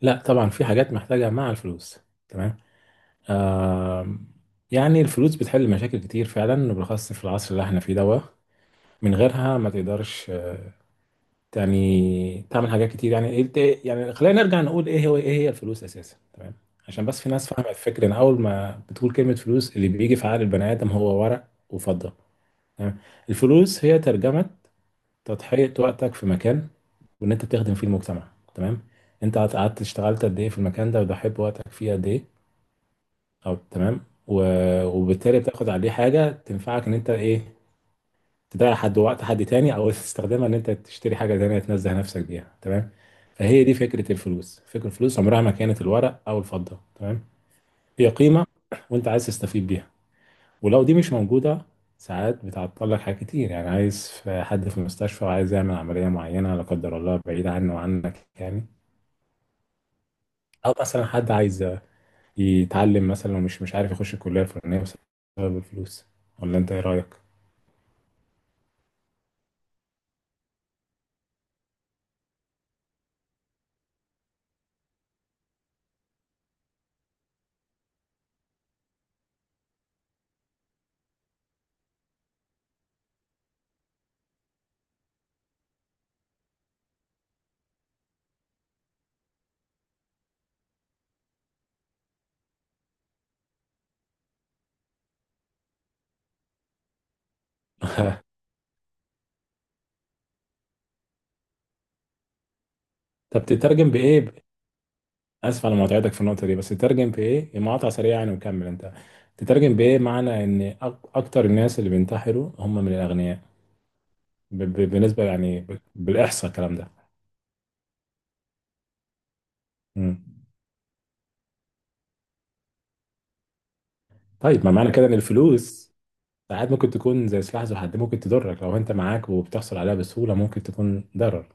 لا طبعا في حاجات محتاجة مع الفلوس. تمام. آم، يعني الفلوس بتحل مشاكل كتير فعلا وبالخاص في العصر اللي احنا فيه ده. من غيرها ما تقدرش يعني تعمل حاجات كتير. يعني انت، يعني خلينا نرجع نقول ايه هي الفلوس اساسا. تمام. عشان بس في ناس فاهمة الفكرة ان اول ما بتقول كلمة فلوس اللي بيجي في عقل البني ادم هو ورق وفضة. تمام. الفلوس هي ترجمة تضحية وقتك في مكان وان انت بتخدم فيه المجتمع. تمام. انت قعدت اشتغلت قد ايه في المكان ده وضحيت بوقتك فيه قد ايه، أو تمام. و- وبالتالي بتاخد عليه حاجة تنفعك، إن أنت إيه، تضيع حد، وقت حد تاني، أو تستخدمها إن أنت تشتري حاجة تانية تنزه نفسك بيها. تمام. فهي دي فكرة الفلوس، فكرة الفلوس عمرها ما كانت الورق أو الفضة. تمام. هي قيمة وأنت عايز تستفيد بيها، ولو دي مش موجودة ساعات بتعطل لك حاجات كتير. يعني عايز في حد في المستشفى وعايز يعمل عملية معينة لا قدر الله بعيد عنه وعنك يعني، أو مثلا حد عايز يتعلم مثلا ومش مش عارف يخش الكلية الفلانية بسبب الفلوس. ولا انت ايه رأيك؟ طب تترجم بإيه؟ اسف على مقاطعتك في النقطة دي، بس تترجم بإيه؟ مقاطعة سريعة يعني، وكمل انت. تترجم بإيه معنى ان اكتر الناس اللي بينتحروا هم من الأغنياء، بالنسبة يعني، بالإحصاء الكلام ده. مم. طيب ما معنى كده ان الفلوس ساعات ممكن تكون زي سلاح ذو حد، ممكن تضرك لو انت معاك وبتحصل عليها بسهولة، ممكن تكون ضرر.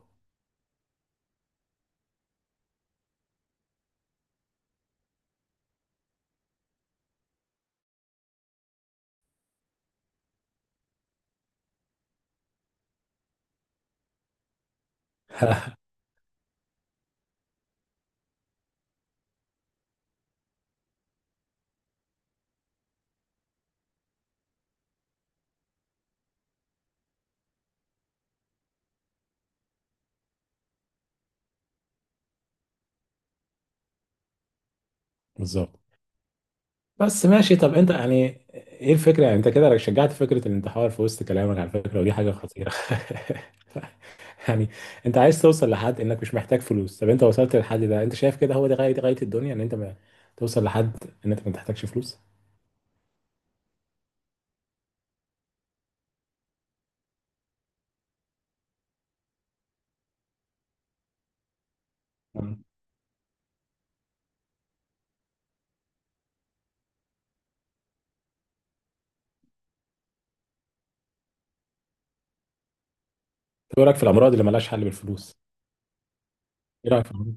بالظبط. بس ماشي. طب انت يعني ايه الفكره؟ يعني انت كده شجعت فكره الانتحار في وسط كلامك على فكره، ودي حاجه خطيره. يعني انت عايز توصل لحد انك مش محتاج فلوس؟ طب انت وصلت للحد ده؟ انت شايف كده هو ده غايه، غايه الدنيا، ان انت ما توصل لحد ان انت ما تحتاجش فلوس؟ مم. طب ايه رايك في الامراض اللي ملهاش حل بالفلوس؟ ايه رايك في الامراض؟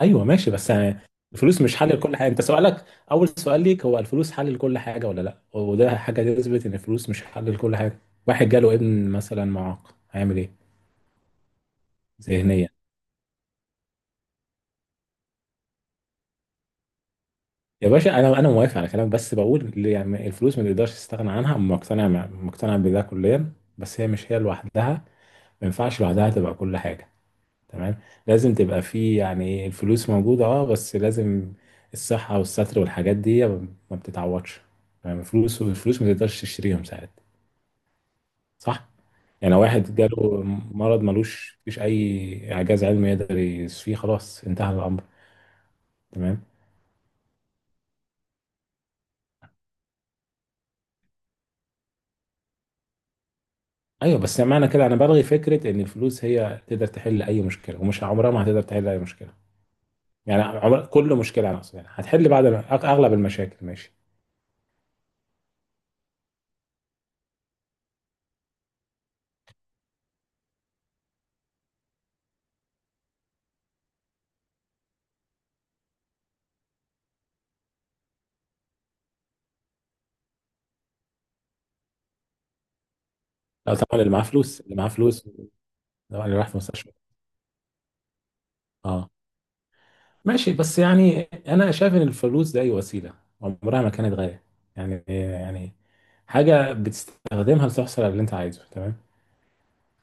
ايوه ماشي بس يعني الفلوس مش حل لكل حاجه، انت سؤالك اول سؤال ليك هو الفلوس حل لكل حاجه ولا لا، وده حاجه تثبت ان الفلوس مش حل لكل حاجه. واحد جاله ابن مثلا معاق هيعمل ايه؟ ذهنيا. يا باشا انا موافق على كلامك، بس بقول ليه يعني الفلوس ما تقدرش تستغنى عنها، مقتنع مقتنع بده كليا، بس هي مش هي لوحدها. ما ينفعش لوحدها تبقى كل حاجه. تمام. لازم تبقى في يعني، الفلوس موجوده اه، بس لازم الصحه والستر والحاجات دي ما بتتعوضش. يعني الفلوس ما تقدرش تشتريهم ساعات. صح. يعني لو واحد جاله مرض ملوش فيش اي اعجاز علمي يقدر يشفيه، خلاص انتهى الامر. تمام. ايوه بس معنى كده انا بلغي فكره ان الفلوس هي تقدر تحل اي مشكله، ومش عمرها ما هتقدر تحل اي مشكله، يعني عمر كل مشكله، انا اقصد يعني هتحل بعد اغلب المشاكل ماشي. لا طبعا اللي معاه فلوس، اللي معاه فلوس. طبعا اللي راح في مستشفى. اه ماشي، بس يعني انا شايف ان الفلوس دي وسيله، عمرها ما كانت غايه. يعني يعني حاجه بتستخدمها لتحصل على اللي انت عايزه. تمام.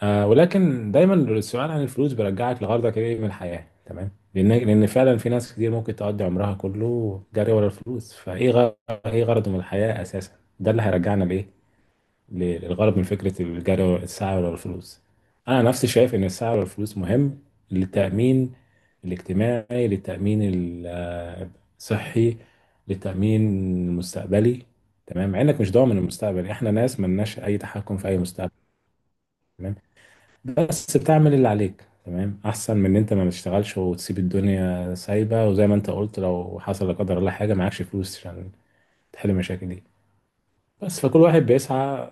آه، ولكن دايما السؤال عن الفلوس بيرجعك لغرضك ايه من الحياة. تمام. لان لان فعلا في ناس كتير ممكن تقضي عمرها كله جري ورا الفلوس، فايه غرض، ايه غرضه من الحياة اساسا؟ ده اللي هيرجعنا لايه، للغرض من فكرة الجري ورا، السعي ورا الفلوس. انا نفسي شايف ان السعي ورا الفلوس مهم للتأمين الاجتماعي، للتأمين الصحي، للتأمين المستقبلي. تمام. مع انك مش ضامن المستقبل، احنا ناس ملناش اي تحكم في اي مستقبل، بس تعمل اللي عليك. تمام. احسن من ان انت ما تشتغلش وتسيب الدنيا سايبه، وزي ما انت قلت لو حصل لا قدر الله حاجه معكش فلوس عشان تحل المشاكل دي. بس فكل واحد بيسعى،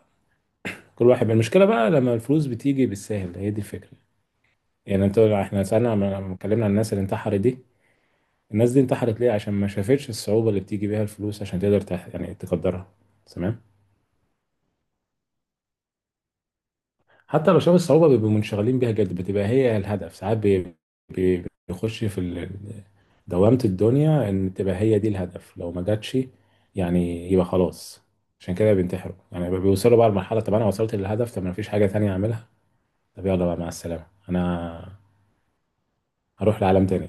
كل واحد. المشكله بقى لما الفلوس بتيجي بالساهل، هي دي الفكره. يعني انت، احنا سالنا لما اتكلمنا عن الناس اللي انتحرت دي، الناس دي انتحرت ليه؟ عشان ما شافتش الصعوبه اللي بتيجي بيها الفلوس عشان تقدر يعني تقدرها. تمام. حتى لو شاف الصعوبة بيبقوا منشغلين بيها جد، بتبقى هي الهدف ساعات، بيخش في دوامة الدنيا إن تبقى هي دي الهدف. لو ما جاتش يعني يبقى خلاص. عشان كده بينتحروا يعني، بيوصلوا بقى لمرحلة طب أنا وصلت للهدف، طب ما فيش حاجة تانية أعملها، طب يلا بقى مع السلامة، أنا هروح لعالم تاني.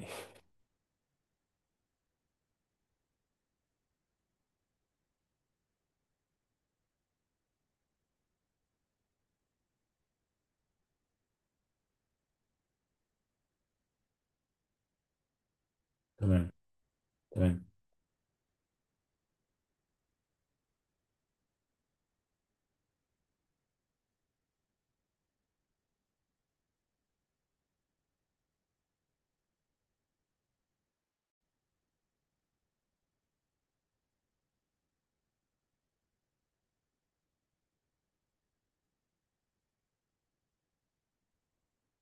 تمام. تمام.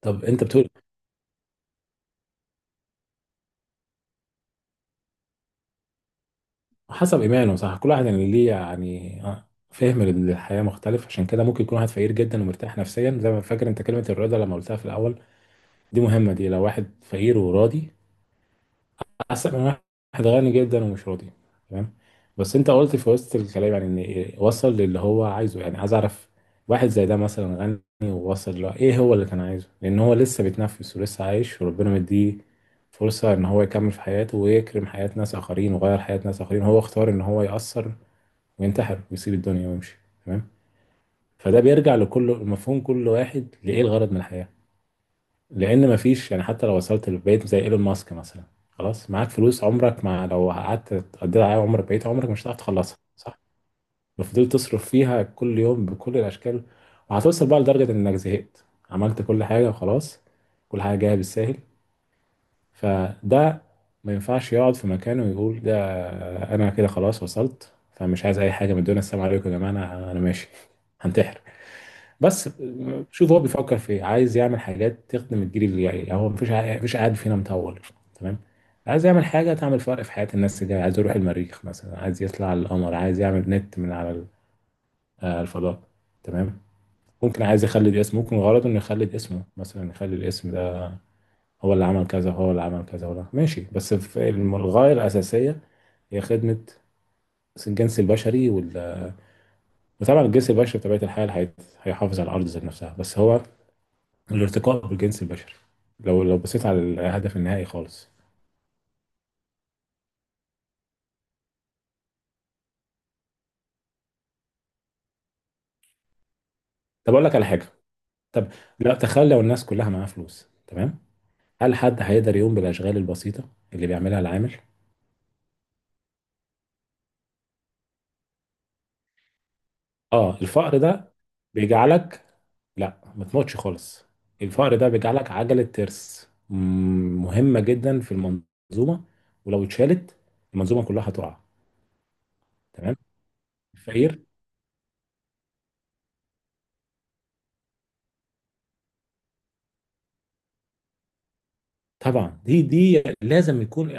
طب أنت بتقول حسب إيمانه صح، كل واحد يعني ليه يعني فهم للحياة مختلف. عشان كده ممكن يكون واحد فقير جدا ومرتاح نفسيا، زي ما فاكر أنت كلمة الرضا لما قلتها في الأول، دي مهمة دي. لو واحد فقير وراضي أحسن من واحد غني جدا ومش راضي. تمام. بس أنت قلت في وسط الكلام يعني إن إيه، وصل للي هو عايزه. يعني عايز أعرف واحد زي ده مثلا غني، ووصل له إيه هو اللي كان عايزه، لأن هو لسه بيتنفس ولسه عايش وربنا مديه فرصة إن هو يكمل في حياته ويكرم حياة ناس آخرين ويغير حياة ناس آخرين، هو اختار إن هو يأثر وينتحر ويسيب الدنيا ويمشي. تمام. فده بيرجع لكل مفهوم كل واحد لإيه الغرض من الحياة. لان مفيش يعني، حتى لو وصلت لبيت زي ايلون ماسك مثلا، خلاص معاك فلوس، عمرك ما لو قعدت تقضي عليها عمرك بقيت، عمرك مش هتعرف تخلصها، صح. لو فضلت تصرف فيها كل يوم بكل الاشكال، وهتوصل بقى لدرجه انك زهقت، عملت كل حاجه وخلاص، كل حاجه جايه بالساهل. فده ما ينفعش يقعد في مكانه ويقول ده، انا كده خلاص وصلت، فمش عايز اي حاجه من الدنيا، السلام عليكم يا جماعه، انا ماشي. هنتحر بس. شوف هو بيفكر في ايه، عايز يعمل حاجات تخدم الجيل اللي جاي. يعني هو مفيش مفيش قاعد فينا مطول. تمام. عايز يعمل حاجه تعمل فرق في حياه الناس اللي جايه، عايز يروح المريخ مثلا، عايز يطلع على القمر، عايز يعمل نت من على الفضاء. تمام. ممكن عايز يخلد اسمه، ممكن غرضه انه يخلد اسمه، مثلا يخلي الاسم ده هو اللي عمل كذا، هو اللي عمل كذا، ولا ماشي. بس في الغايه الاساسيه هي خدمه الجنس البشري وطبعا الجنس البشري بطبيعه الحال هيحافظ على الارض ذات نفسها، بس هو الارتقاء بالجنس البشري، لو لو بصيت على الهدف النهائي خالص. طب اقول لك على حاجه، طب لا، تخيل لو الناس كلها معاها فلوس. تمام. هل حد هيقدر يقوم بالاشغال البسيطه اللي بيعملها العامل؟ اه الفقر ده بيجعلك، لا ما تموتش خالص. الفقر ده بيجعلك عجله ترس، مم، مهمه جدا في المنظومه، ولو اتشالت المنظومه كلها هتقع. تمام. الفقير، طبعا دي لازم يكون.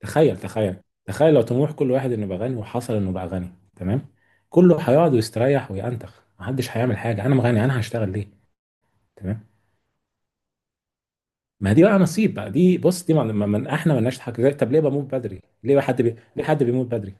تخيل، تخيل، تخيل لو طموح كل واحد انه يبقى غني، وحصل انه بقى غني. تمام. كله هيقعد ويستريح ويأنتخ، محدش هيعمل حاجه، انا غني انا هشتغل ليه؟ تمام. ما دي بقى نصيب بقى، دي بص دي، احنا مالناش حاجه زي، طب ليه بموت بدري، ليه بقى حد ليه حد بيموت بدري.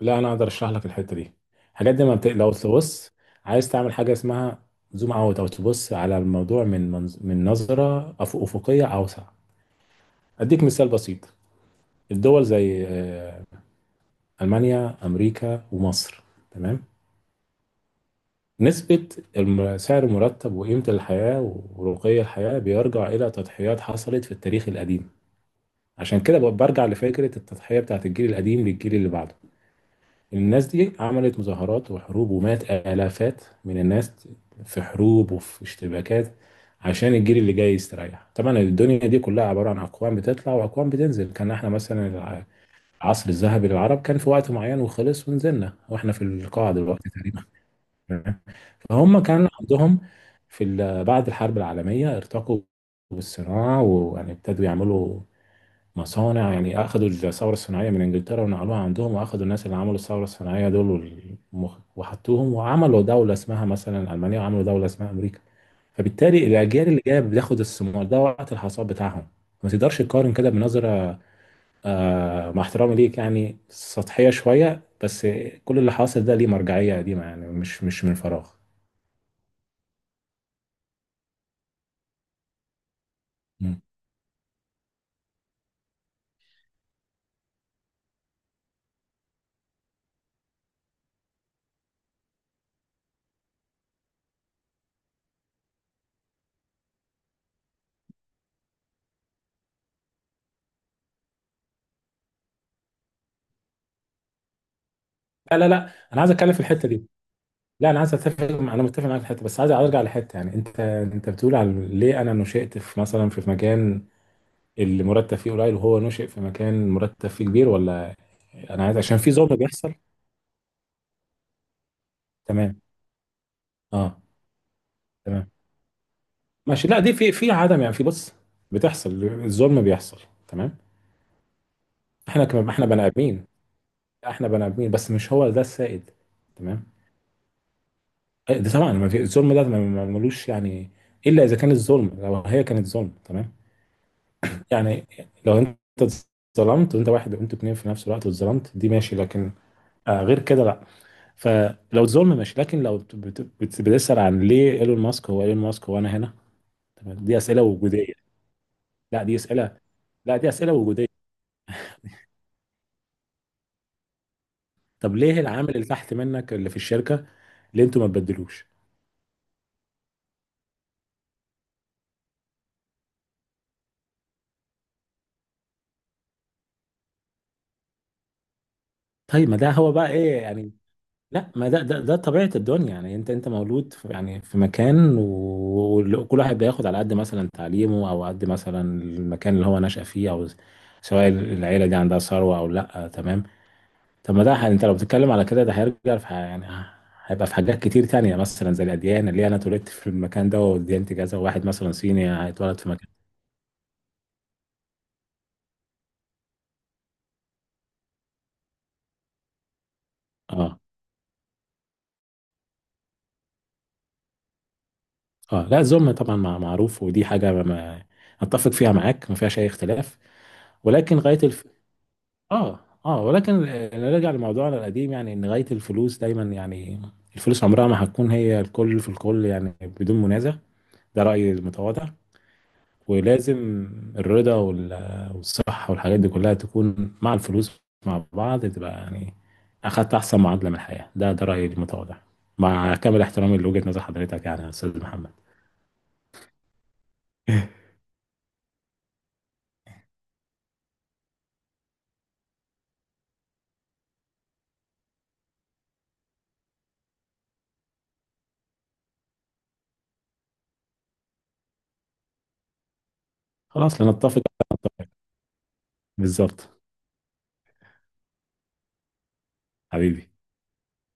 لا انا اقدر اشرح لك الحته دي. الحاجات دي ما بت... لو تبص عايز تعمل حاجه اسمها زوم اوت، او تبص على الموضوع من نظره افقيه اوسع. اديك مثال بسيط. الدول زي المانيا، امريكا، ومصر. تمام. نسبة سعر المرتب وقيمة الحياة ورقي الحياة بيرجع إلى تضحيات حصلت في التاريخ القديم. عشان كده برجع لفكرة التضحية بتاعت الجيل القديم للجيل اللي بعده. الناس دي عملت مظاهرات وحروب، ومات آلافات من الناس في حروب وفي اشتباكات، عشان الجيل اللي جاي يستريح. طبعا الدنيا دي كلها عبارة عن أقوام بتطلع وأقوام بتنزل. كان احنا مثلا العصر الذهبي للعرب كان في وقت معين وخلص، ونزلنا واحنا في القاع دلوقتي تقريبا. فهم كان عندهم في بعد الحرب العالمية ارتقوا بالصناعة، ويعني ابتدوا يعملوا مصانع، يعني أخدوا الثورة الصناعية من إنجلترا ونقلوها عندهم، وأخدوا الناس اللي عملوا الثورة الصناعية دول وحطوهم وعملوا دولة اسمها مثلا ألمانيا، وعملوا دولة اسمها أمريكا. فبالتالي الأجيال اللي جاية بتاخد الثمار ده وقت الحصاد بتاعهم. ما تقدرش تقارن كده بنظرة آه، مع احترامي ليك، يعني سطحية شوية، بس كل اللي حاصل ده ليه مرجعية قديمة، يعني مش من فراغ. لا لا لا، انا عايز اتكلم في الحته دي. لا انا عايز اتفق، انا متفق معاك في الحته، بس عايز ارجع لحته. يعني انت بتقول على ليه انا نشأت في مثلا في مكان اللي مرتب فيه قليل وهو نشأ في مكان مرتب فيه كبير، ولا. انا عايز عشان في ظلم بيحصل. تمام. اه. تمام ماشي. لا دي في عدم يعني، في بص، بتحصل، الظلم بيحصل. تمام. احنا كمان احنا بني ادمين، احنا بني ادمين بس مش هو ده السائد. تمام. إيه، ده طبعا ما في الظلم ده ملوش يعني، الا اذا كان الظلم، لو هي كانت ظلم. تمام. يعني لو انت اتظلمت وانت واحد وانت اتنين في نفس الوقت واتظلمت، دي ماشي، لكن آه غير كده لا. فلو اتظلم ماشي، لكن لو بتسأل عن ليه ايلون ماسك هو ايلون ماسك، هو انا هنا. تمام، دي اسئله وجوديه. لا دي اسئله، لا دي اسئله وجوديه. طب ليه العامل اللي تحت منك اللي في الشركه، ليه انتوا ما تبدلوش؟ طيب ما ده هو بقى ايه يعني. لا ما ده ده طبيعة الدنيا. يعني انت مولود في يعني في مكان، و- وكل واحد بياخد على قد مثلا تعليمه، او قد مثلا المكان اللي هو نشأ فيه، او سواء العيلة دي عندها ثروة او لا. تمام. طب ما ده انت لو بتتكلم على كده ده هيرجع في يعني هيبقى في حاجات كتير تانية، مثلا زي الأديان، اللي أنا اتولدت في المكان ده وديانتي كذا، وواحد مثلا صيني هيتولد في مكان. اه. اه لا الذم طبعا معروف، ودي حاجة أتفق فيها معاك، ما فيهاش أي اختلاف. ولكن غاية، اه، اه ولكن نرجع لموضوعنا القديم. يعني ان غاية الفلوس دايما يعني، الفلوس عمرها ما هتكون هي الكل في الكل، يعني بدون منازع. ده رأيي المتواضع. ولازم الرضا والصحة والحاجات دي كلها تكون مع الفلوس، مع بعض تبقى يعني أخدت أحسن معادلة من الحياة. ده ده رأيي المتواضع، مع كامل احترامي لوجهة نظر حضرتك، يعني يا أستاذ محمد. خلاص لنتفق. بالظبط. حبيبي.